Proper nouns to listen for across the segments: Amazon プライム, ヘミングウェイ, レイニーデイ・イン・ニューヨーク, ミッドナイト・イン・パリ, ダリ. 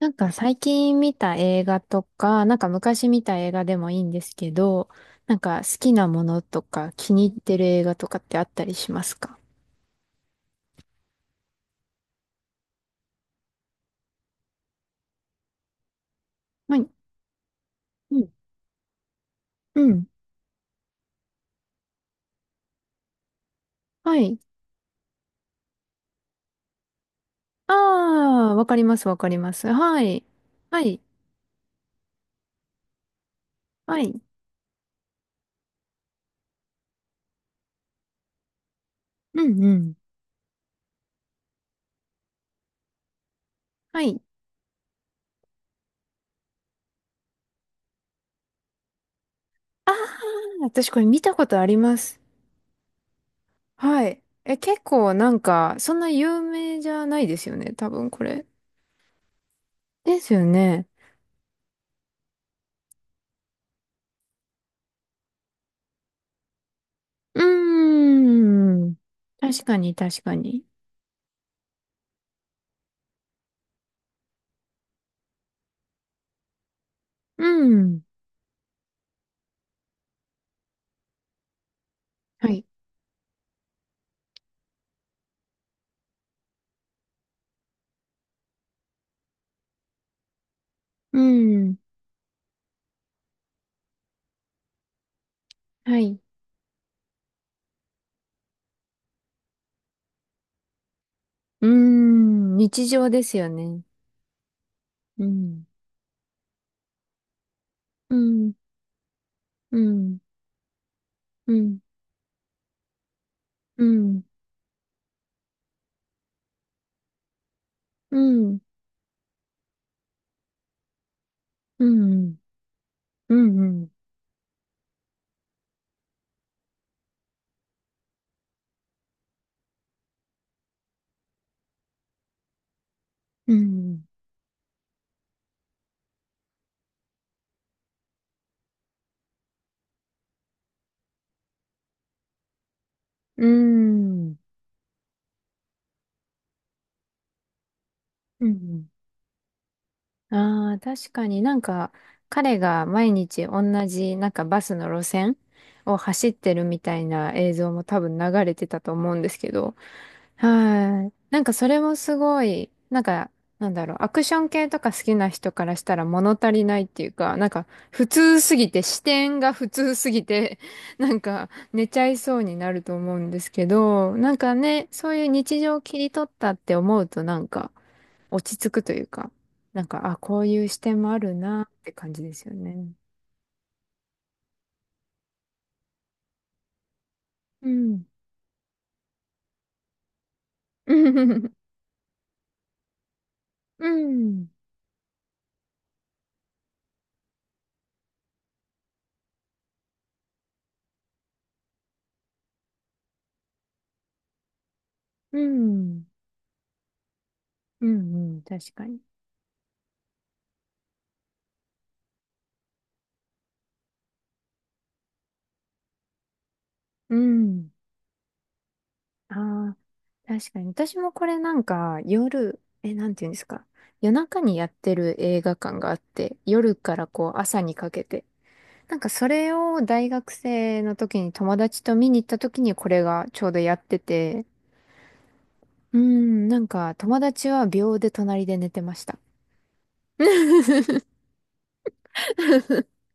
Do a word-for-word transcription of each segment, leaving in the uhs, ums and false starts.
なんか最近見た映画とか、なんか昔見た映画でもいいんですけど、なんか好きなものとか気に入ってる映画とかってあったりしますか？はい。うん。うん。はい。ああ、わかります、わかります。はい。はい。はい。うんうん。はい。ああ、私これ見たことあります。はい。え、結構なんか、そんな有名じゃないですよね、多分これ。ですよね。うーん。確かに、確かに。うん。はい。うん。はい。うん。日常ですよね。うん。うん。うん。うん。うん。うん。うん。うん。うん。うん。うん。うん。ああ、確かになんか彼が毎日同じなんかバスの路線を走ってるみたいな映像も多分流れてたと思うんですけど、はい。なんかそれもすごい、なんか、なんだろう、アクション系とか好きな人からしたら物足りないっていうか、なんか普通すぎて、視点が 普通すぎて、なんか寝ちゃいそうになると思うんですけど、なんかね、そういう日常を切り取ったって思うとなんか、落ち着くというか、なんか、あ、こういう視点もあるなって感じですよね。うん。うん。うん。うん。うん。確かに。うん。ああ、確かに。私もこれなんか、夜、え、なんていうんですか。夜中にやってる映画館があって、夜からこう朝にかけて。なんかそれを大学生の時に友達と見に行った時にこれがちょうどやってて、うん、なんか友達は秒で隣で寝てました。うん。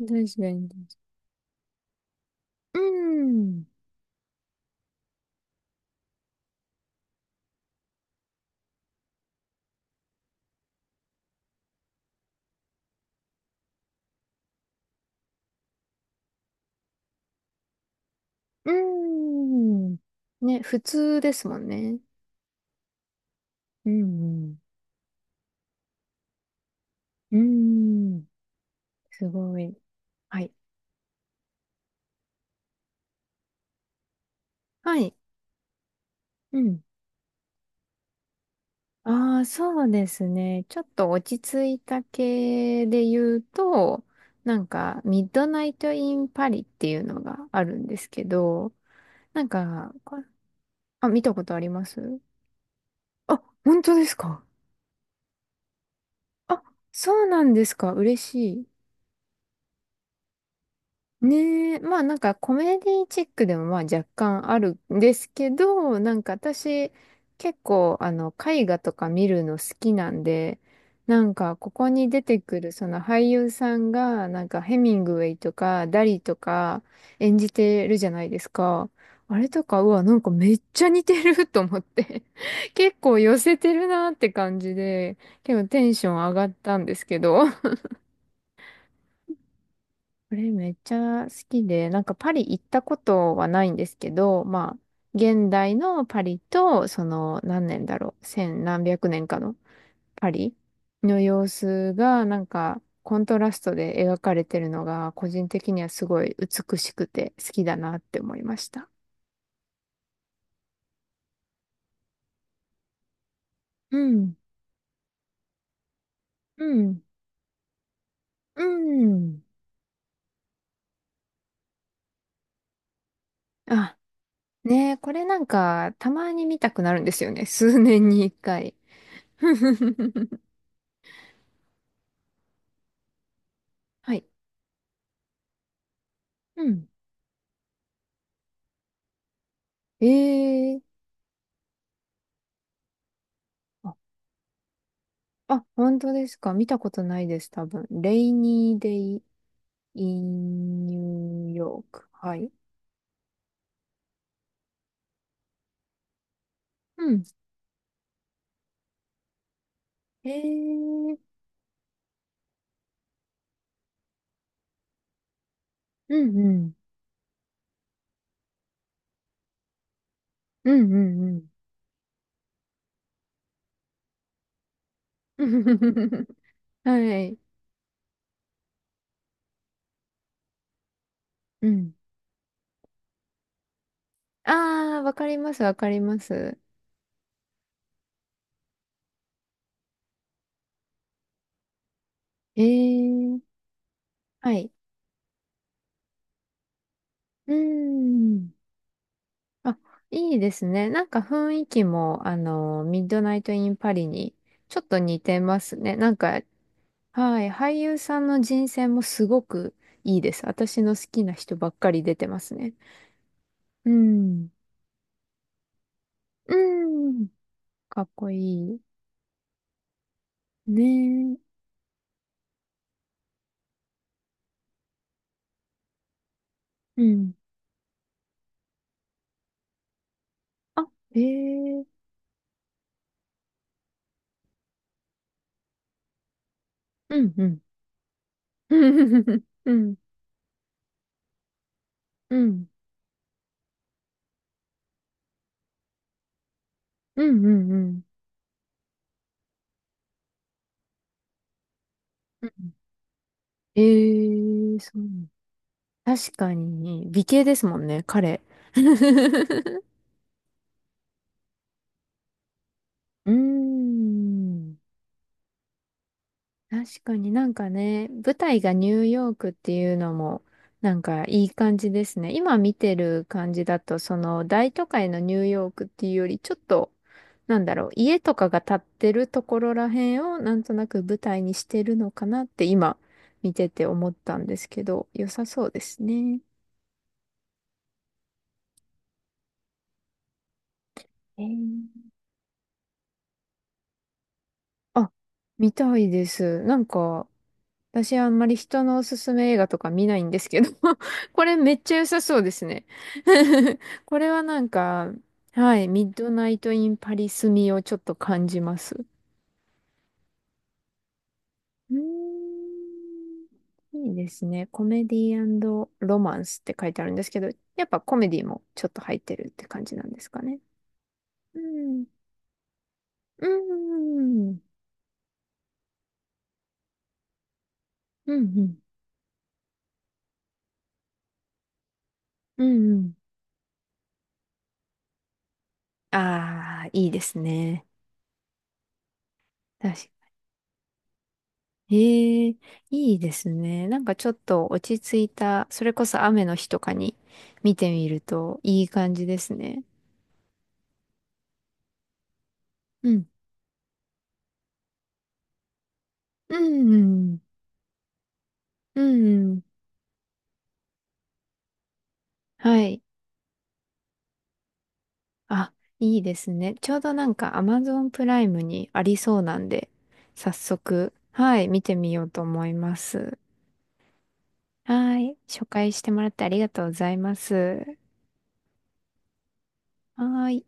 確かに。うん。うん。ね、普通ですもんね。うん。うん。うん、すごい。はい。はい。うん。ああ、そうですね。ちょっと落ち着いた系で言うと、なんか、ミッドナイト・イン・パリっていうのがあるんですけど、なんか、こあ、見たことあります？あ、本当ですか？あ、そうなんですか。嬉しい。ねえ、まあなんかコメディチックでもまあ若干あるんですけど、なんか私結構あの絵画とか見るの好きなんで、なんかここに出てくるその俳優さんがなんかヘミングウェイとかダリとか演じてるじゃないですか。あれとか、うわ、なんかめっちゃ似てる と思って 結構寄せてるなって感じで、結構テンション上がったんですけど、これめっちゃ好きで、なんかパリ行ったことはないんですけど、まあ、現代のパリと、その何年だろう、千何百年かのパリの様子が、なんかコントラストで描かれてるのが、個人的にはすごい美しくて好きだなって思いました。うん、うん、うん。あ、ねえ、これなんかたまに見たくなるんですよね。数年に一回。はい。うん。ええ、あ、本当ですか？見たことないです、多分。レイニーデイ・イン・ニューヨーク。はい。うん。えー、うんうん。うんうんうん。はい。うん。あー、わかります、わかります。えー、はい。うーん。あ、いいですね。なんか雰囲気も、あの、ミッドナイト・イン・パリにちょっと似てますね。なんか、はい。俳優さんの人選もすごくいいです。私の好きな人ばっかり出てますね。うん。うん。かっこいい。ねえ。うん。あ、へえ。うんうん。うん。うん。うんうんうん。うん、ええ、そう。確かに、美形ですもんね、彼。うーん。確かになんかね、舞台がニューヨークっていうのも、なんかいい感じですね。今見てる感じだと、その大都会のニューヨークっていうより、ちょっと、なんだろう、家とかが建ってるところらへんをなんとなく舞台にしてるのかなって今見てて思ったんですけど、良さそうですね。えー、あ、見たいです。なんか、私はあんまり人のおすすめ映画とか見ないんですけど、 これめっちゃ良さそうですね。 これはなんか、はい、ミッドナイト・イン・パリスみをちょっと感じます。うーん、いいですね。コメディロマンスって書いてあるんですけど、やっぱコメディもちょっと入ってるって感じなんですかね。うん。うん。うん。うん。うん。ああー、いいですね。確ええ、いいですね。なんかちょっと落ち着いた、それこそ雨の日とかに見てみるといい感じですね。うん。うんうん。うんうん。はい。あ、いいですね。ちょうどなんか アマゾン プライムにありそうなんで、早速、はい、見てみようと思います。はい。紹介してもらってありがとうございます。はーい。